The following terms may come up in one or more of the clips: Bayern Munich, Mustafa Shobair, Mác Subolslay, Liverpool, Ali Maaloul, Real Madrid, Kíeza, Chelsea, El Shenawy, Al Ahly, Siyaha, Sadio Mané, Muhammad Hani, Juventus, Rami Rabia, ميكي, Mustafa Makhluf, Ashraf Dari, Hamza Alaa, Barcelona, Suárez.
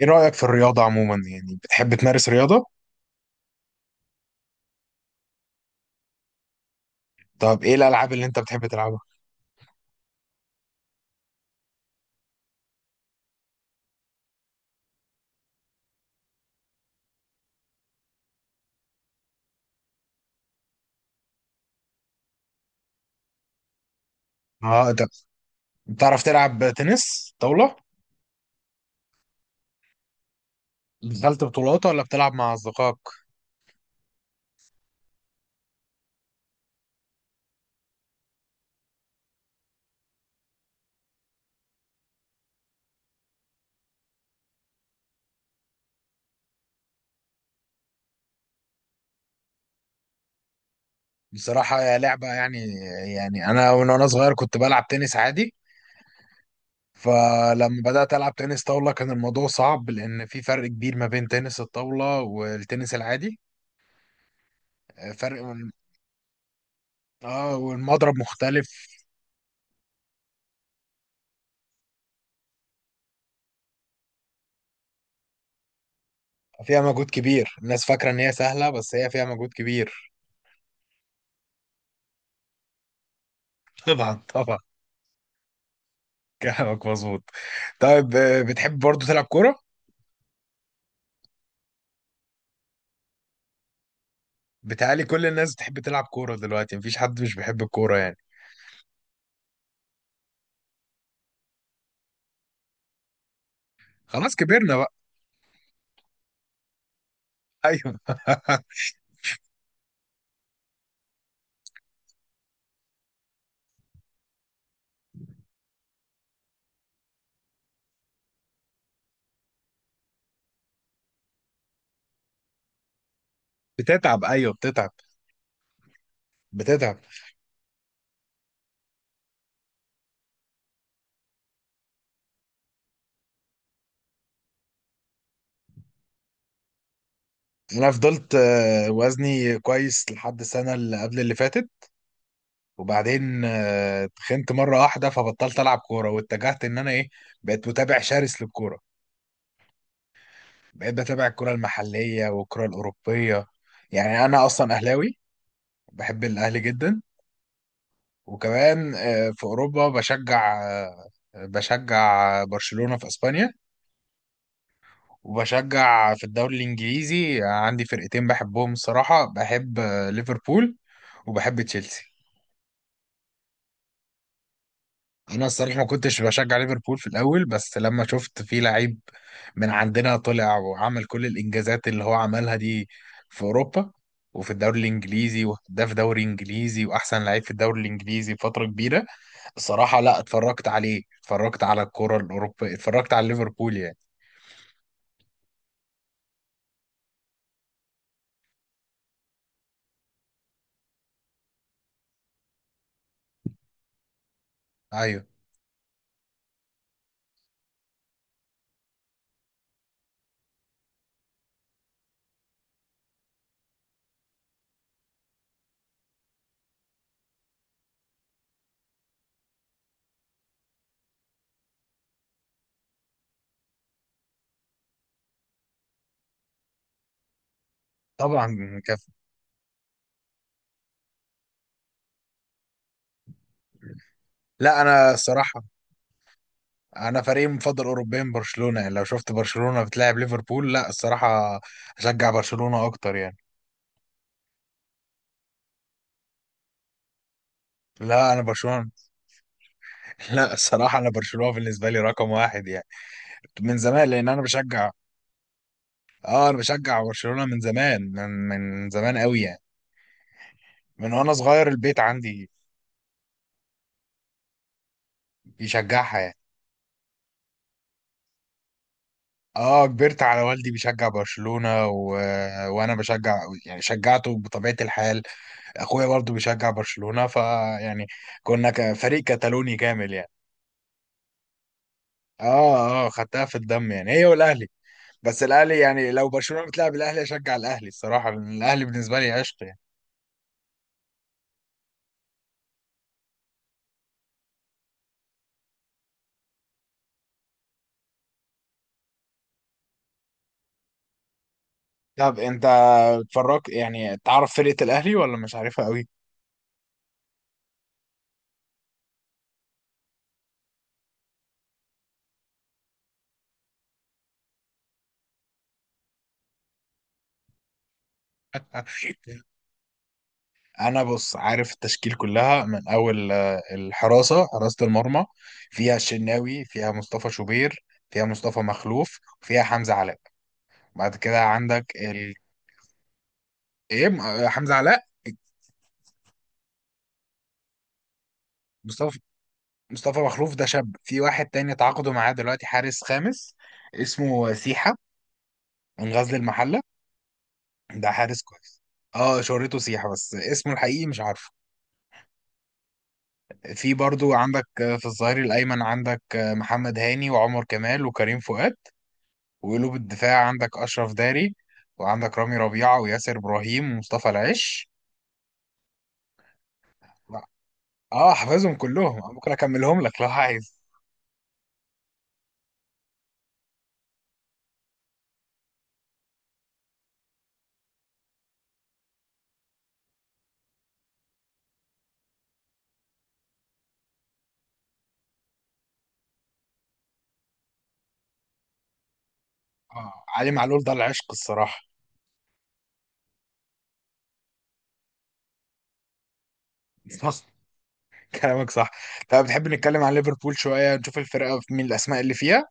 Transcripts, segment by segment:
ايه رأيك في الرياضة عموما، يعني بتحب تمارس رياضة؟ طب ايه الألعاب اللي انت بتحب تلعبها؟ اه، انت بتعرف تلعب تنس طاولة؟ دخلت بطولات ولا بتلعب مع أصدقائك؟ بصراحة يا لعبة يعني. يعني انا من وانا صغير كنت بلعب تنس عادي. فلما بدأت ألعب تنس طاولة كان الموضوع صعب، لأن في فرق كبير ما بين تنس الطاولة والتنس العادي. فرق من- اه، والمضرب مختلف. فيها مجهود كبير، الناس فاكرة إن هي سهلة بس هي فيها مجهود كبير. طبعا طبعا، كلامك مظبوط. طيب، بتحب برضو تلعب كورة؟ بتهيألي كل الناس بتحب تلعب كورة دلوقتي، مفيش حد مش بيحب الكورة يعني. خلاص كبرنا بقى. أيوه، بتتعب، أيوه بتتعب. بتتعب. أنا فضلت وزني كويس لحد السنة اللي قبل اللي فاتت. وبعدين اتخنت مره واحده، فبطلت العب كوره واتجهت ان انا ايه، بقيت متابع شرس للكوره. بقيت بتابع الكوره المحليه والكوره الاوروبيه. يعني انا اصلا اهلاوي، بحب الاهلي جدا. وكمان في اوروبا بشجع، بشجع برشلونه في اسبانيا. وبشجع في الدوري الانجليزي عندي فرقتين بحبهم الصراحه، بحب ليفربول وبحب تشيلسي. انا الصراحه ما كنتش بشجع ليفربول في الاول، بس لما شفت في لعيب من عندنا طلع وعمل كل الانجازات اللي هو عملها دي في اوروبا، وفي الدوري الانجليزي، وهداف دوري انجليزي واحسن لعيب في الدوري الانجليزي فتره كبيره، الصراحه لا، اتفرجت عليه، اتفرجت على الكره الاوروبيه، اتفرجت على ليفربول يعني. ايوه طبعا كف. لا انا الصراحه، انا فريقي المفضل اوروبيا برشلونه، يعني لو شفت برشلونه بتلاعب ليفربول لا الصراحه اشجع برشلونه اكتر يعني. لا، انا برشلونه. لا الصراحة، أنا برشلونة بالنسبة لي رقم واحد يعني. من زمان لأن أنا بشجع. آه، أنا بشجع برشلونة من زمان، من زمان قوي يعني. من وأنا صغير البيت عندي بيشجعها يعني. آه، كبرت على والدي بيشجع برشلونة، و... وأنا بشجع، يعني شجعته بطبيعة الحال. أخويا برضه بيشجع برشلونة فيعني فريق كتالوني كامل يعني. آه، خدتها في الدم يعني، هي والأهلي. بس الأهلي، يعني لو برشلونة بتلعب الأهلي أشجع الأهلي الصراحة، لأن الأهلي بالنسبة لي عشق يعني. طب انت بتفرج يعني، تعرف فرقة الأهلي ولا مش عارفها قوي؟ أنا بص، عارف التشكيل كلها من أول الحراسة، حراسة المرمى فيها الشناوي، فيها مصطفى شوبير، فيها مصطفى مخلوف، فيها حمزة علاء. بعد كده عندك إيه م- آه، حمزة علاء. مصطفى مصطفى مخلوف ده شاب، في واحد تاني تعاقدوا معاه دلوقتي حارس خامس، اسمه سيحة، من غزل المحلة. ده حارس كويس. اه، شهرته سيحة بس اسمه الحقيقي مش عارف. في برضو عندك في الظهير الأيمن عندك محمد هاني وعمر كمال وكريم فؤاد. وقلوب الدفاع عندك أشرف داري، وعندك رامي ربيعة وياسر إبراهيم ومصطفى العش. لا، اه، حافظهم كلهم أنا، ممكن أكملهم لك لو عايز. آه، علي معلول ده العشق الصراحة. صح، كلامك صح. طب بتحب نتكلم عن ليفربول شوية نشوف الفرقة في مين الأسماء اللي فيها؟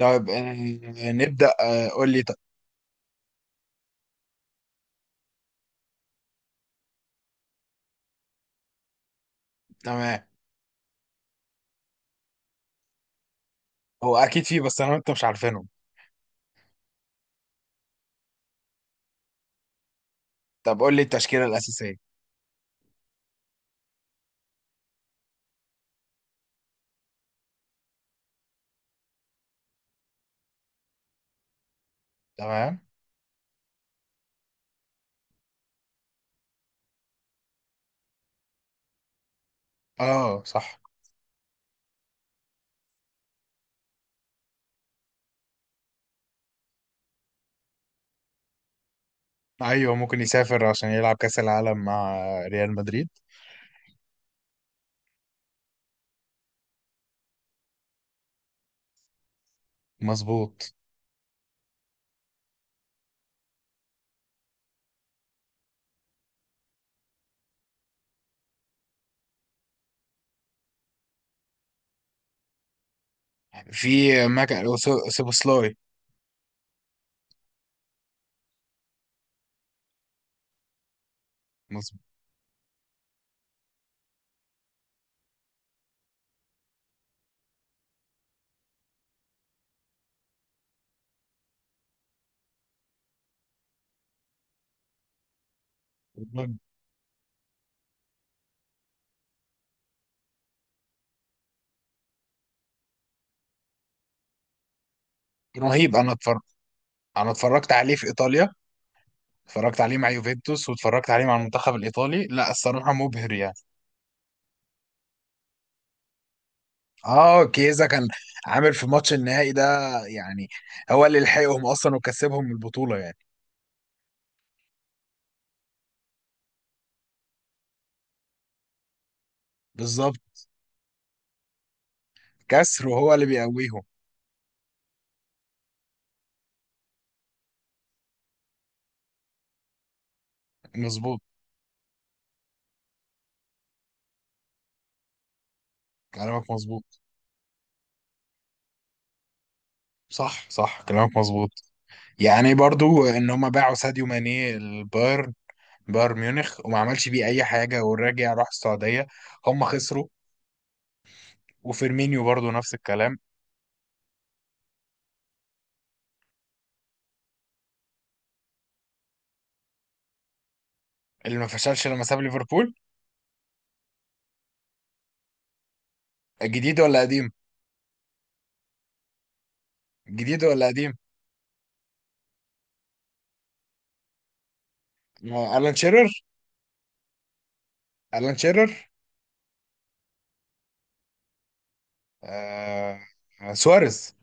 طب نبدأ، قول لي تمام. هو أكيد فيه بس أنا وأنت مش عارفينهم. طب قول لي التشكيلة الأساسية. تمام. اه صح. ايوه، ممكن يسافر عشان يلعب كاس العالم مع ريال مدريد. مظبوط. في ماك سوبوسلاي. مظبوط. رهيب، انا اتفرج، انا اتفرجت عليه في ايطاليا. اتفرجت عليه مع يوفنتوس، واتفرجت عليه مع المنتخب الايطالي، لا الصراحه مبهر يعني. اه، كيزا كان عامل في ماتش النهائي ده يعني. هو اللي لحقهم اصلا وكسبهم البطوله يعني. بالظبط. كسر وهو اللي بيقويهم. مظبوط، كلامك مظبوط. صح صح، كلامك مظبوط. يعني برضو ان هم باعوا ساديو ماني البايرن، بايرن ميونخ، وما عملش بيه اي حاجه. والراجع راح السعوديه، هم خسروا. وفيرمينيو برضو نفس الكلام. اللي ما فشلش لما ساب ليفربول، جديد ولا قديم؟ جديد ولا قديم؟ آه، الان شيرر. الان شيرر. آه. آه، سواريز.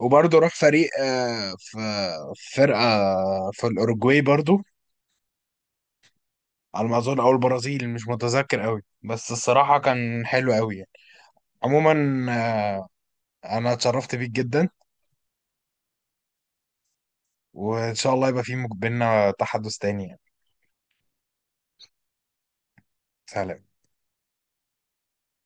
وبرضو راح فريق، في فرقه، في الاوروجواي برضو على ما اظن، او البرازيل مش متذكر قوي، بس الصراحه كان حلو قوي يعني. عموما، آه، انا اتشرفت بيك جدا، وان شاء الله يبقى في بينا تحدث تاني يعني. سهلا.